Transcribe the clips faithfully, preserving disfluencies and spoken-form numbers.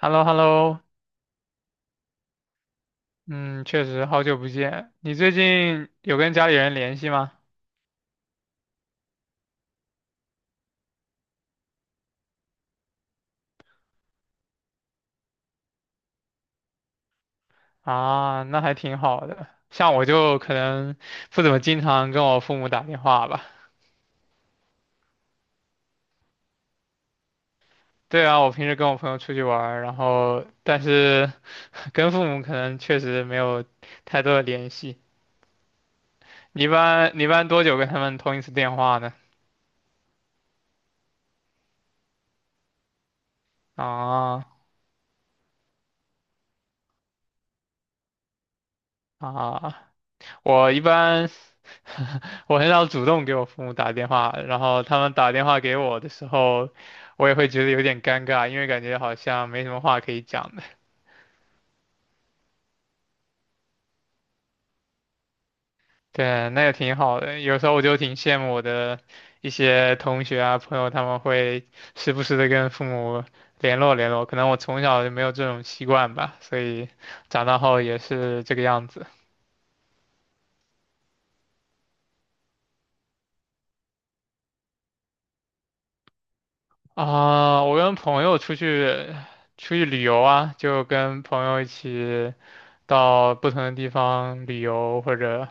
h e l l o h e l l o 嗯，确实好久不见。你最近有跟家里人联系吗？啊，那还挺好的。像我就可能不怎么经常跟我父母打电话吧。对啊，我平时跟我朋友出去玩儿然后但是 跟父母可能确实没有太多的联系。你一般你一般多久跟他们通一次电话呢？啊啊，我一般 我很少主动给我父母打电话，然后他们打电话给我的时候，我也会觉得有点尴尬，因为感觉好像没什么话可以讲的。对，那也挺好的。有时候我就挺羡慕我的一些同学啊、朋友，他们会时不时的跟父母联络联络。可能我从小就没有这种习惯吧，所以长大后也是这个样子。啊、我跟朋友出去出去旅游啊，就跟朋友一起。到不同的地方旅游，或者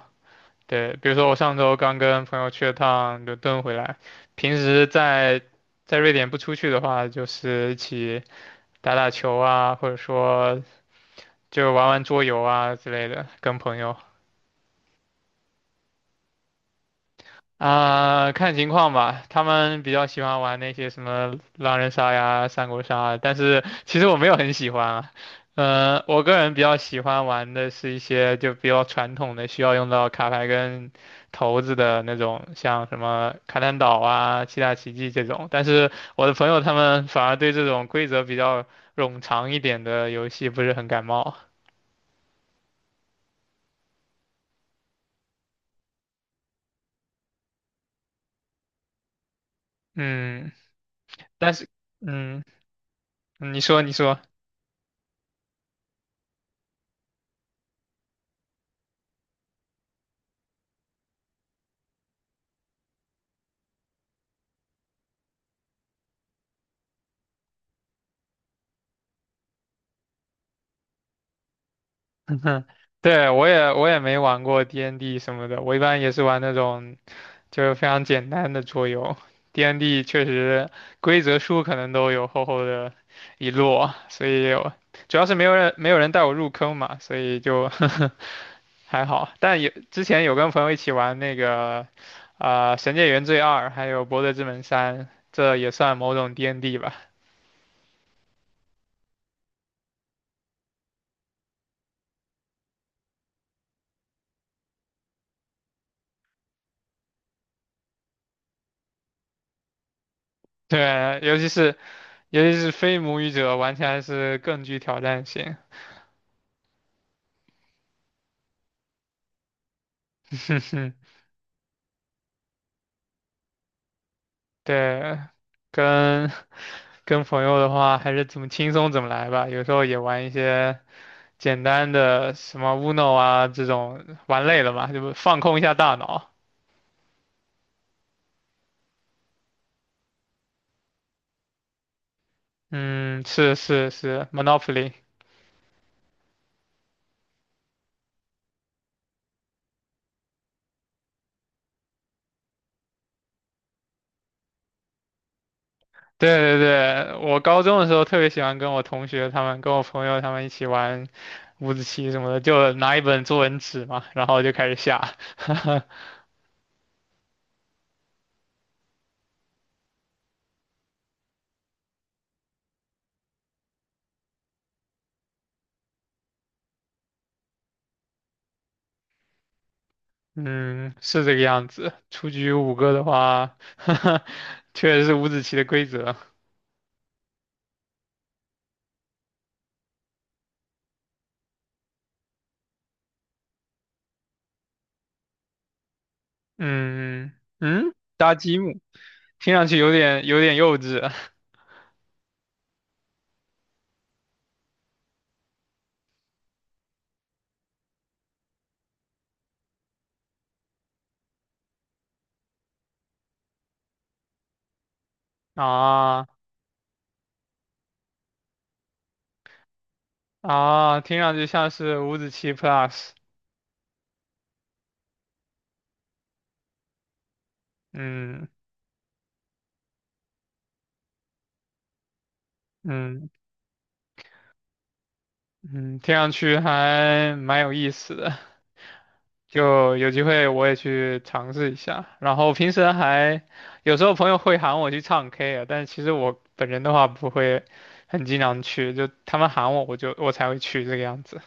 对，比如说我上周刚跟朋友去了趟伦敦回来，平时在在瑞典不出去的话，就是一起打打球啊，或者说就玩玩桌游啊之类的，跟朋友。啊、看情况吧。他们比较喜欢玩那些什么狼人杀呀、三国杀啊，但是其实我没有很喜欢啊。呃，我个人比较喜欢玩的是一些就比较传统的，需要用到卡牌跟骰子的那种，像什么卡坦岛啊、七大奇迹这种。但是我的朋友他们反而对这种规则比较冗长一点的游戏不是很感冒。嗯，但是，嗯，你说，你说。哼对，我也我也没玩过 D N D 什么的，我一般也是玩那种就是非常简单的桌游。D N D 确实规则书可能都有厚厚的一摞，所以我主要是没有人没有人带我入坑嘛，所以就 还好。但有之前有跟朋友一起玩那个啊、呃神界原罪二》还有《博德之门三》，这也算某种 D N D 吧。对，尤其是尤其是非母语者玩起来是更具挑战性。对，跟 跟朋友的话，还是怎么轻松怎么来吧。有时候也玩一些简单的什么 Uno 啊这种，玩累了嘛，就放空一下大脑。嗯，是是是，Monopoly。对对对，我高中的时候特别喜欢跟我同学他们、跟我朋友他们一起玩五子棋什么的，就拿一本作文纸嘛，然后就开始下。嗯，是这个样子。出局五个的话，确实是五子棋的规则。嗯嗯，搭积木，听上去有点有点幼稚 啊啊，听上去像是五子棋 Plus，嗯嗯嗯，听上去还蛮有意思的，就有机会我也去尝试一下。然后平时还有时候朋友会喊我去唱 K 啊，但是其实我本人的话不会很经常去，就他们喊我我就我才会去这个样子。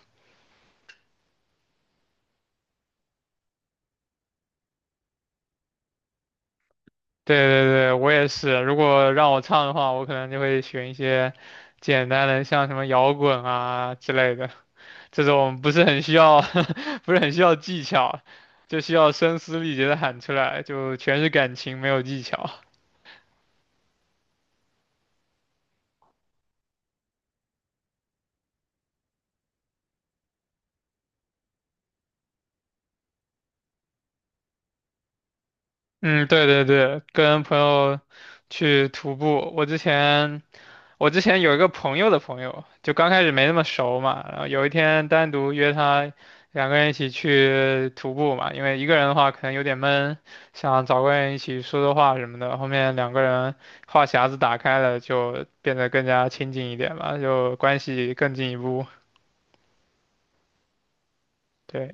对对对，我也是。如果让我唱的话，我可能就会选一些简单的，像什么摇滚啊之类的，这种不是很需要，不是很需要技巧，就需要声嘶力竭的喊出来，就全是感情，没有技巧。嗯，对对对，跟朋友去徒步，我之前。我之前有一个朋友的朋友，就刚开始没那么熟嘛，然后有一天单独约他，两个人一起去徒步嘛，因为一个人的话可能有点闷，想找个人一起说说话什么的。后面两个人话匣子打开了，就变得更加亲近一点嘛，就关系更进一步。对，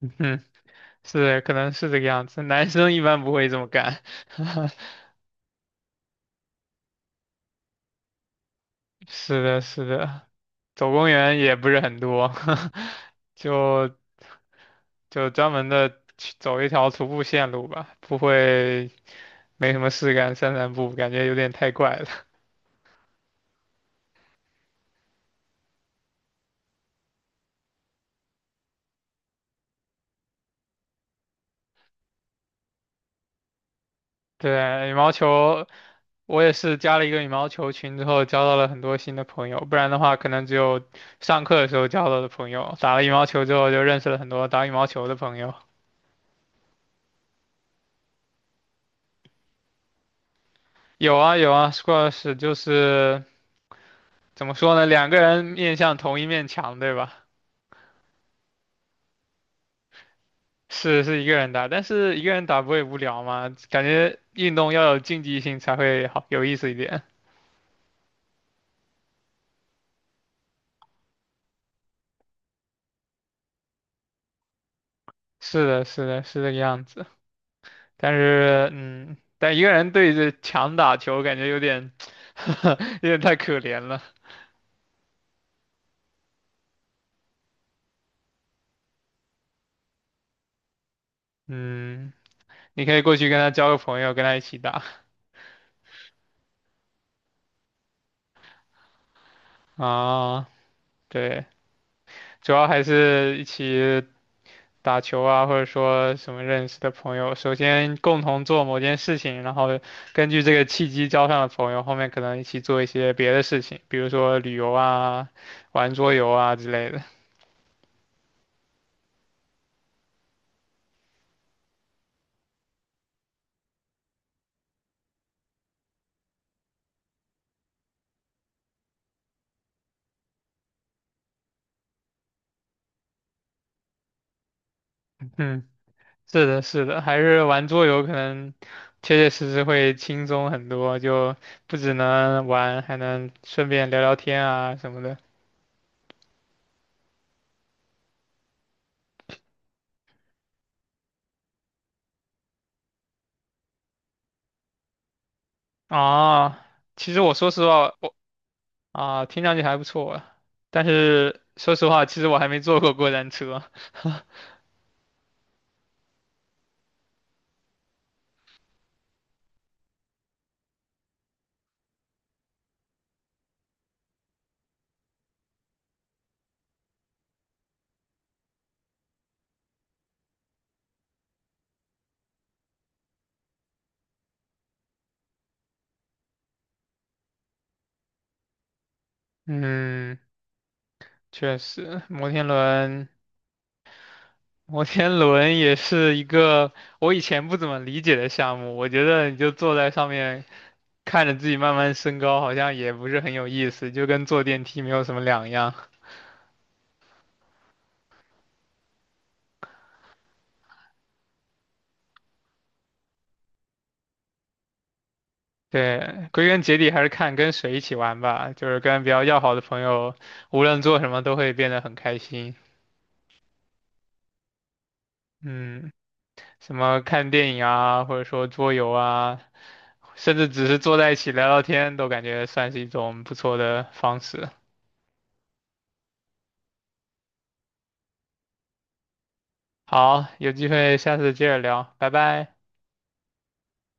嗯，是，可能是这个样子。男生一般不会这么干。是的，是的，走公园也不是很多，就就专门的去走一条徒步线路吧，不会没什么事干散散步，感觉有点太怪了。对，羽毛球，我也是加了一个羽毛球群之后，交到了很多新的朋友，不然的话，可能只有上课的时候交到的朋友。打了羽毛球之后，就认识了很多打羽毛球的朋友。有啊有啊，squash 就是怎么说呢，两个人面向同一面墙，对吧？是是一个人打，但是一个人打不会无聊吗？感觉运动要有竞技性才会好有意思一点。是的，是的，是这个样子。但是，嗯，但一个人对着墙打球，感觉有点，有点太可怜了。嗯，你可以过去跟他交个朋友，跟他一起打啊。对，主要还是一起打球啊，或者说什么认识的朋友，首先共同做某件事情，然后根据这个契机交上的朋友，后面可能一起做一些别的事情，比如说旅游啊、玩桌游啊之类的。嗯，是的，是的，还是玩桌游可能切切实实会轻松很多，就不只能玩，还能顺便聊聊天啊什么的。啊，其实我说实话，我啊，听上去还不错，但是说实话，其实我还没坐过过山车。嗯，确实，摩天轮，摩天轮也是一个我以前不怎么理解的项目。我觉得你就坐在上面，看着自己慢慢升高，好像也不是很有意思，就跟坐电梯没有什么两样。对，归根结底还是看跟谁一起玩吧，就是跟比较要好的朋友，无论做什么都会变得很开心。嗯。什么看电影啊，或者说桌游啊，甚至只是坐在一起聊聊天，都感觉算是一种不错的方式。好，有机会下次接着聊，拜拜。